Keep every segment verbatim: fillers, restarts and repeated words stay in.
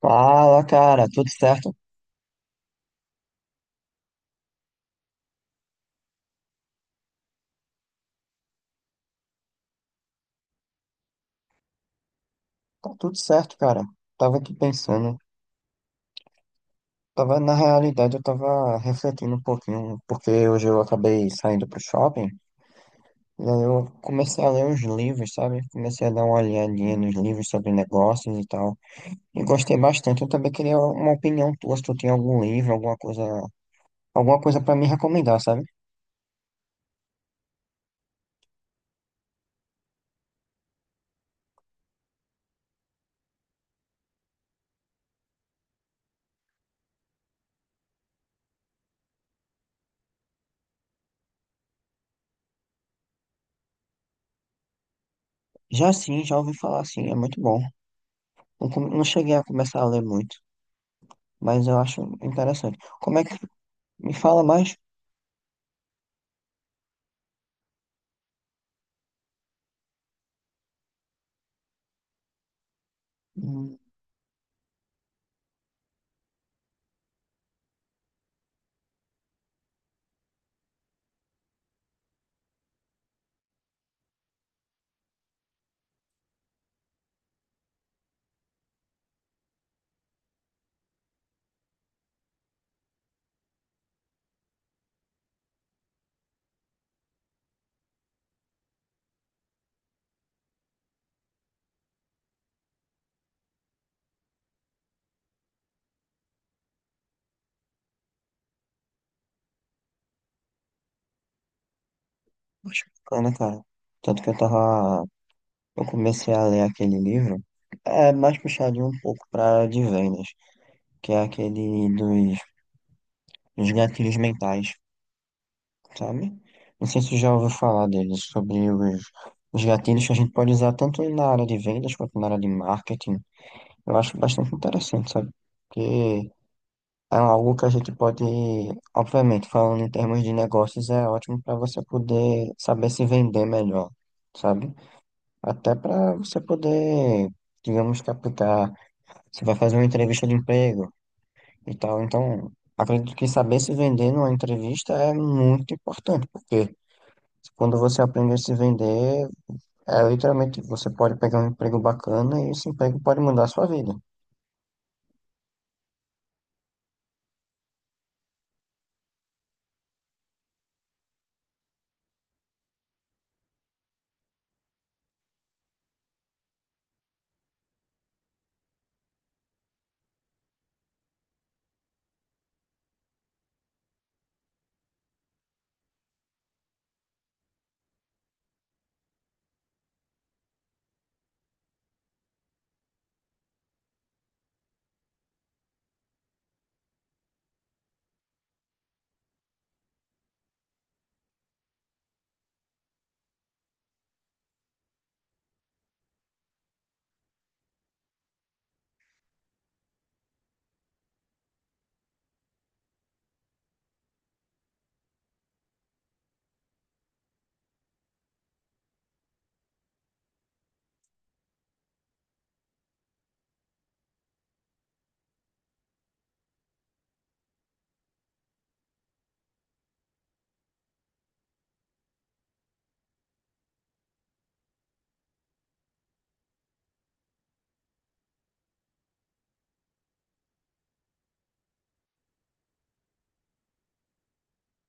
Fala, cara, tudo certo? Tá tudo certo, cara. Tava aqui pensando, tava na realidade, eu tava refletindo um pouquinho, porque hoje eu acabei saindo pro shopping, e aí eu comecei a ler uns livros, sabe? Comecei a dar uma olhadinha nos livros sobre negócios e tal, e gostei bastante. Eu também queria uma opinião tua, se tu tem algum livro, alguma coisa, alguma coisa para me recomendar, sabe? Já sim, já ouvi falar assim, é muito bom. Não, come- não cheguei a começar a ler muito, mas eu acho interessante. Como é que me fala mais? Acho bacana, cara. Tanto que eu tava. Eu comecei a ler aquele livro. É mais puxadinho um pouco pra de vendas, que é aquele dos, dos gatilhos mentais, sabe? Não sei se você já ouviu falar dele sobre os, os gatilhos que a gente pode usar tanto na área de vendas quanto na área de marketing. Eu acho bastante interessante, sabe? Porque é algo que a gente pode, obviamente, falando em termos de negócios, é ótimo para você poder saber se vender melhor, sabe? Até para você poder, digamos, captar. Você vai fazer uma entrevista de emprego e tal. Então, acredito que saber se vender numa entrevista é muito importante, porque quando você aprende a se vender, é literalmente você pode pegar um emprego bacana e esse emprego pode mudar a sua vida.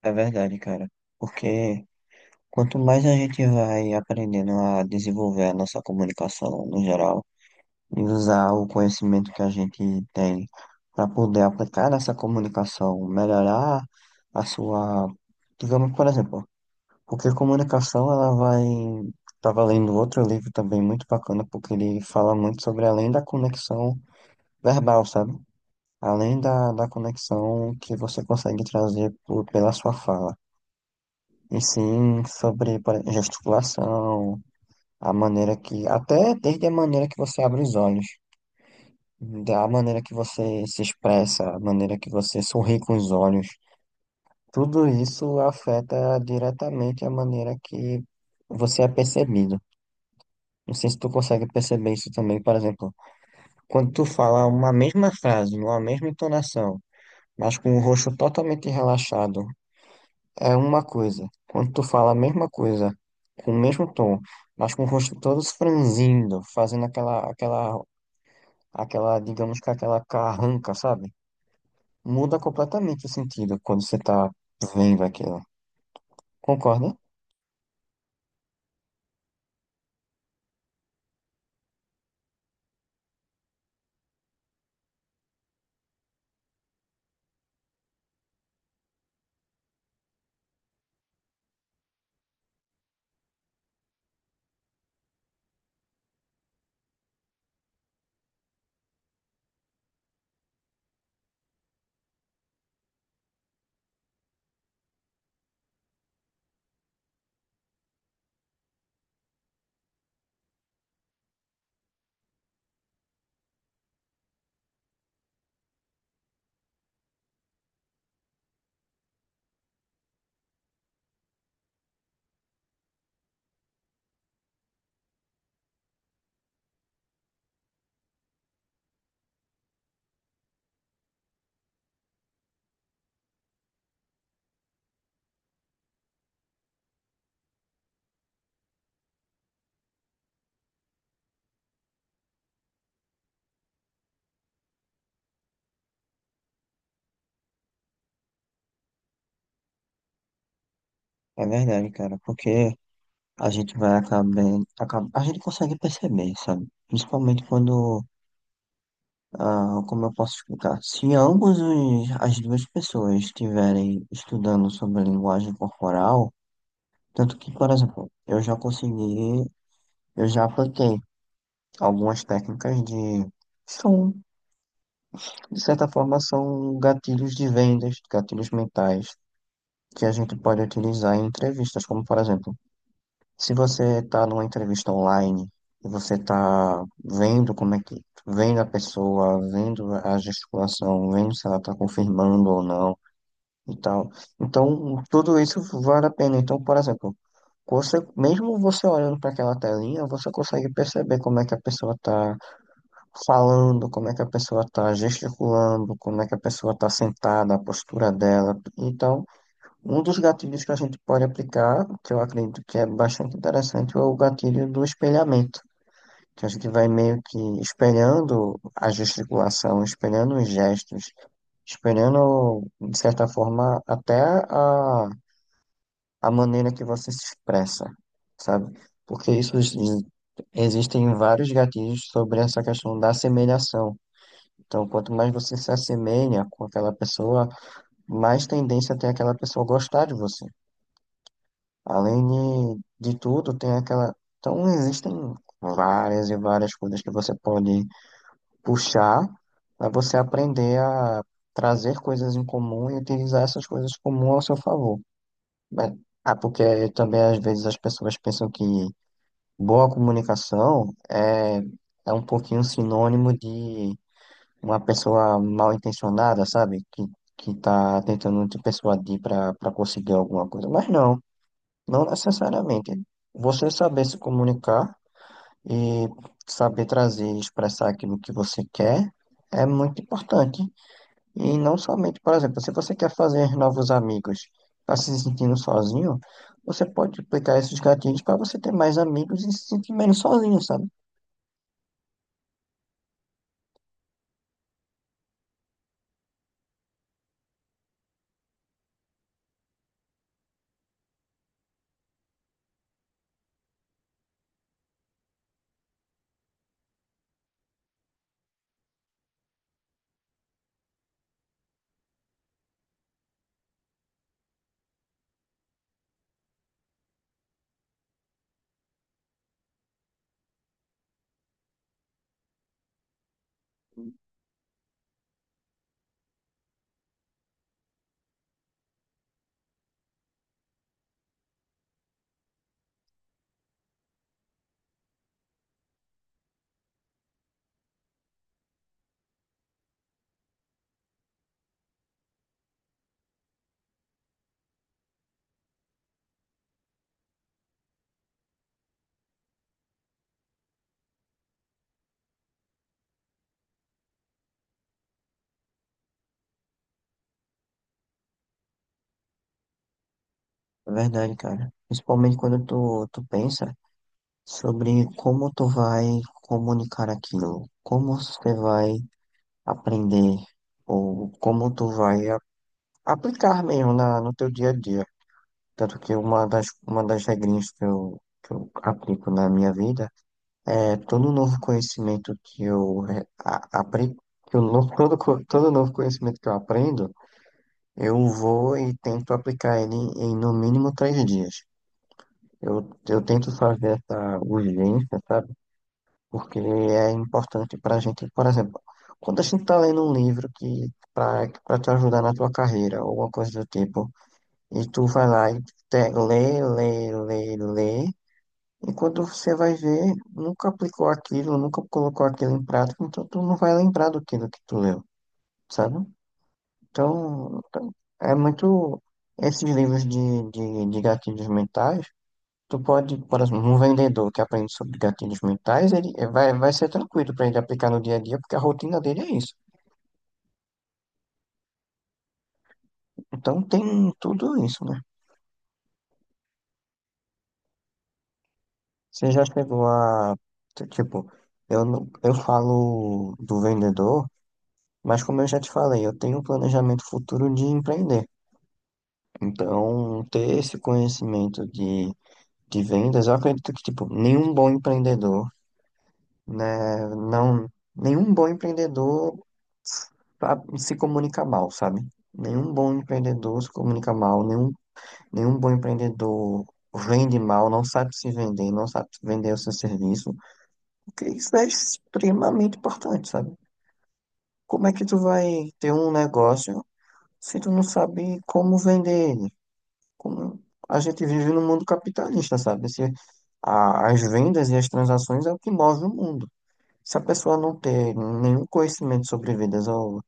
É verdade, cara. Porque quanto mais a gente vai aprendendo a desenvolver a nossa comunicação no geral, e usar o conhecimento que a gente tem para poder aplicar nessa comunicação, melhorar a sua, digamos, por exemplo, porque comunicação ela vai. Estava lendo outro livro também muito bacana, porque ele fala muito sobre além da conexão verbal, sabe? Além da, da conexão que você consegue trazer por, pela sua fala. E sim sobre por exemplo, gesticulação, a maneira que. Até desde a maneira que você abre os olhos. Da maneira que você se expressa, a maneira que você sorri com os olhos, tudo isso afeta diretamente a maneira que você é percebido. Não sei se tu consegue perceber isso também, por exemplo, quando tu fala uma mesma frase, numa mesma entonação, mas com o rosto totalmente relaxado, é uma coisa. Quando tu fala a mesma coisa, com o mesmo tom, mas com o rosto todo franzindo, fazendo aquela, aquela, aquela, digamos que aquela carranca, sabe? Muda completamente o sentido quando você tá vendo aquilo. Concorda? É verdade, cara, porque a gente vai acabar, acaba, a gente consegue perceber, sabe? Principalmente quando, ah, como eu posso explicar, se ambos os, as duas pessoas estiverem estudando sobre a linguagem corporal, tanto que, por exemplo, eu já consegui, eu já apliquei algumas técnicas de são, de certa forma, são gatilhos de vendas, gatilhos mentais que a gente pode utilizar em entrevistas, como por exemplo, se você está numa entrevista online e você está vendo como é que, vendo a pessoa, vendo a gesticulação, vendo se ela está confirmando ou não e tal. Então, tudo isso vale a pena. Então, por exemplo, você, mesmo você olhando para aquela telinha, você consegue perceber como é que a pessoa está falando, como é que a pessoa está gesticulando, como é que a pessoa está sentada, a postura dela. Então, um dos gatilhos que a gente pode aplicar, que eu acredito que é bastante interessante, é o gatilho do espelhamento, que a gente vai meio que espelhando a gesticulação, espelhando os gestos, espelhando, de certa forma, até a, a maneira que você se expressa, sabe? Porque isso ex- existem vários gatilhos sobre essa questão da assemelhação. Então, quanto mais você se assemelha com aquela pessoa, mais tendência tem aquela pessoa gostar de você. Além de, de tudo, tem aquela. Então, existem várias e várias coisas que você pode puxar para você aprender a trazer coisas em comum e utilizar essas coisas comuns ao seu favor. Mas- ah, porque também às vezes as pessoas pensam que boa comunicação é, é um pouquinho sinônimo de uma pessoa mal intencionada, sabe? Que, que tá tentando te persuadir para para conseguir alguma coisa. Mas não. Não necessariamente. Você saber se comunicar e saber trazer e expressar aquilo que você quer é muito importante. E não somente, por exemplo, se você quer fazer novos amigos, está se sentindo sozinho, você pode aplicar esses gatilhos para você ter mais amigos e se sentir menos sozinho, sabe? É verdade, cara. Principalmente quando tu, tu pensa sobre como tu vai comunicar aquilo, como você vai aprender ou como tu vai aplicar mesmo na, no teu dia a dia. Tanto que uma das, uma das regrinhas que eu, que eu aplico na minha vida é todo novo conhecimento que eu re- a- apre- que eu no- todo, co- todo novo conhecimento que eu aprendo, eu vou e tento aplicar ele em, no mínimo três dias. Eu, eu tento fazer essa urgência, sabe? Porque é importante para a gente, por exemplo, quando a gente está lendo um livro que para te ajudar na tua carreira ou alguma coisa do tipo, e tu vai lá e te- lê, lê, lê, lê. E quando você vai ver, nunca aplicou aquilo, nunca colocou aquilo em prática, então tu não vai lembrar do que, que tu leu, sabe? Então, então, é muito. Esses livros de, de, de gatilhos mentais, tu pode, por exemplo, um vendedor que aprende sobre gatilhos mentais, ele vai, vai ser tranquilo para ele aplicar no dia a dia, porque a rotina dele é isso. Então tem tudo isso. Você já chegou a. t- Tipo, eu, não- eu falo do vendedor, mas como eu já te falei, eu tenho um planejamento futuro de empreender. Então, ter esse conhecimento de, de vendas, eu acredito que, tipo, nenhum bom empreendedor, né? Não, nenhum bom empreendedor sabe, se comunica mal, sabe? Nenhum bom empreendedor se comunica mal, nenhum, nenhum bom empreendedor vende mal, não sabe se vender, não sabe vender o seu serviço. Que isso é extremamente importante, sabe? Como é que tu vai ter um negócio se tu não sabe como vender ele? Como... A gente vive no mundo capitalista, sabe? Se a- as vendas e as transações é o que move o mundo. Se a pessoa não ter nenhum conhecimento sobre vendas ou,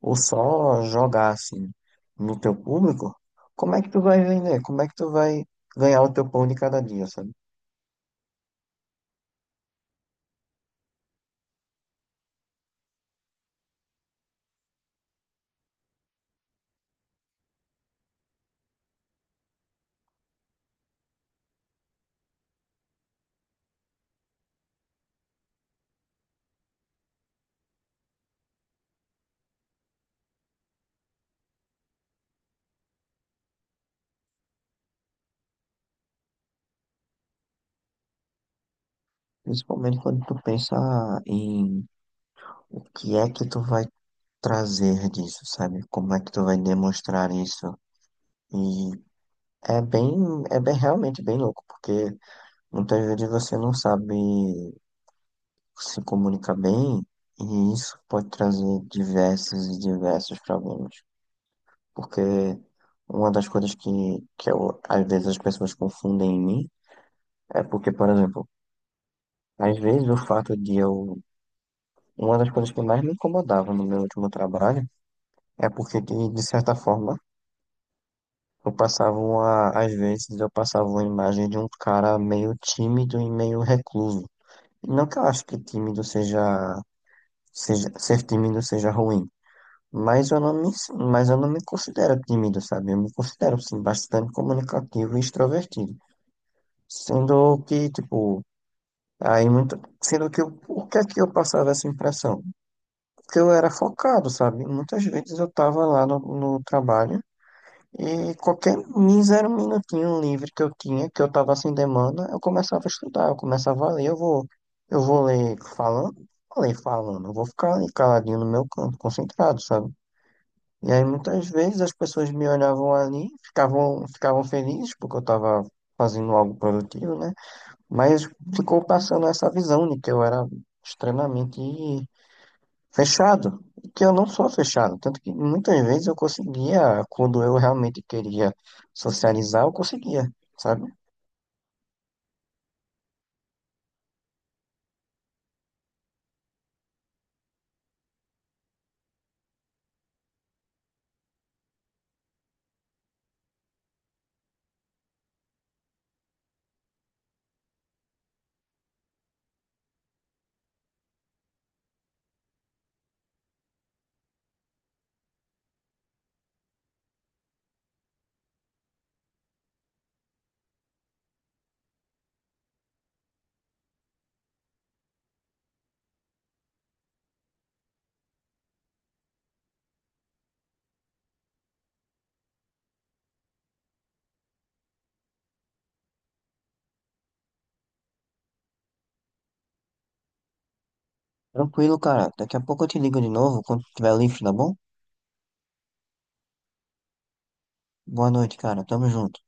ou só jogar assim no teu público, como é que tu vai vender? Como é que tu vai ganhar o teu pão de cada dia, sabe? Principalmente quando tu pensa em o que é que tu vai trazer disso, sabe? Como é que tu vai demonstrar isso? E é bem, é bem realmente bem louco, porque muitas vezes você não sabe se comunicar bem e isso pode trazer diversos e diversos problemas. Porque uma das coisas que, que eu, às vezes as pessoas confundem em mim é porque, por exemplo, às vezes o fato de eu. Uma das coisas que mais me incomodava no meu último trabalho é porque, de de certa forma, eu passava uma, às vezes eu passava uma imagem de um cara meio tímido e meio recluso. Não que eu acho que tímido seja, seja, ser tímido seja ruim, mas eu não me, mas eu não me considero tímido, sabe? Eu me considero, sim, bastante comunicativo e extrovertido. Sendo que, tipo, aí muito, sendo que eu, o que é que eu passava essa impressão? Porque eu era focado, sabe? Muitas vezes eu tava lá no, no trabalho. E qualquer mísero minutinho livre que eu tinha, que eu tava sem demanda, eu começava a estudar, eu começava a ler, eu vou, eu vou ler falando, vou ler falando, eu vou ficar ali caladinho no meu canto, concentrado, sabe? E aí muitas vezes as pessoas me olhavam ali, ficavam, ficavam felizes porque eu tava fazendo algo produtivo, né? Mas ficou passando essa visão de que eu era extremamente fechado, que eu não sou fechado, tanto que muitas vezes eu conseguia, quando eu realmente queria socializar, eu conseguia, sabe? Tranquilo, cara. Daqui a pouco eu te ligo de novo quando tiver livre, tá bom? Boa noite, cara. Tamo junto.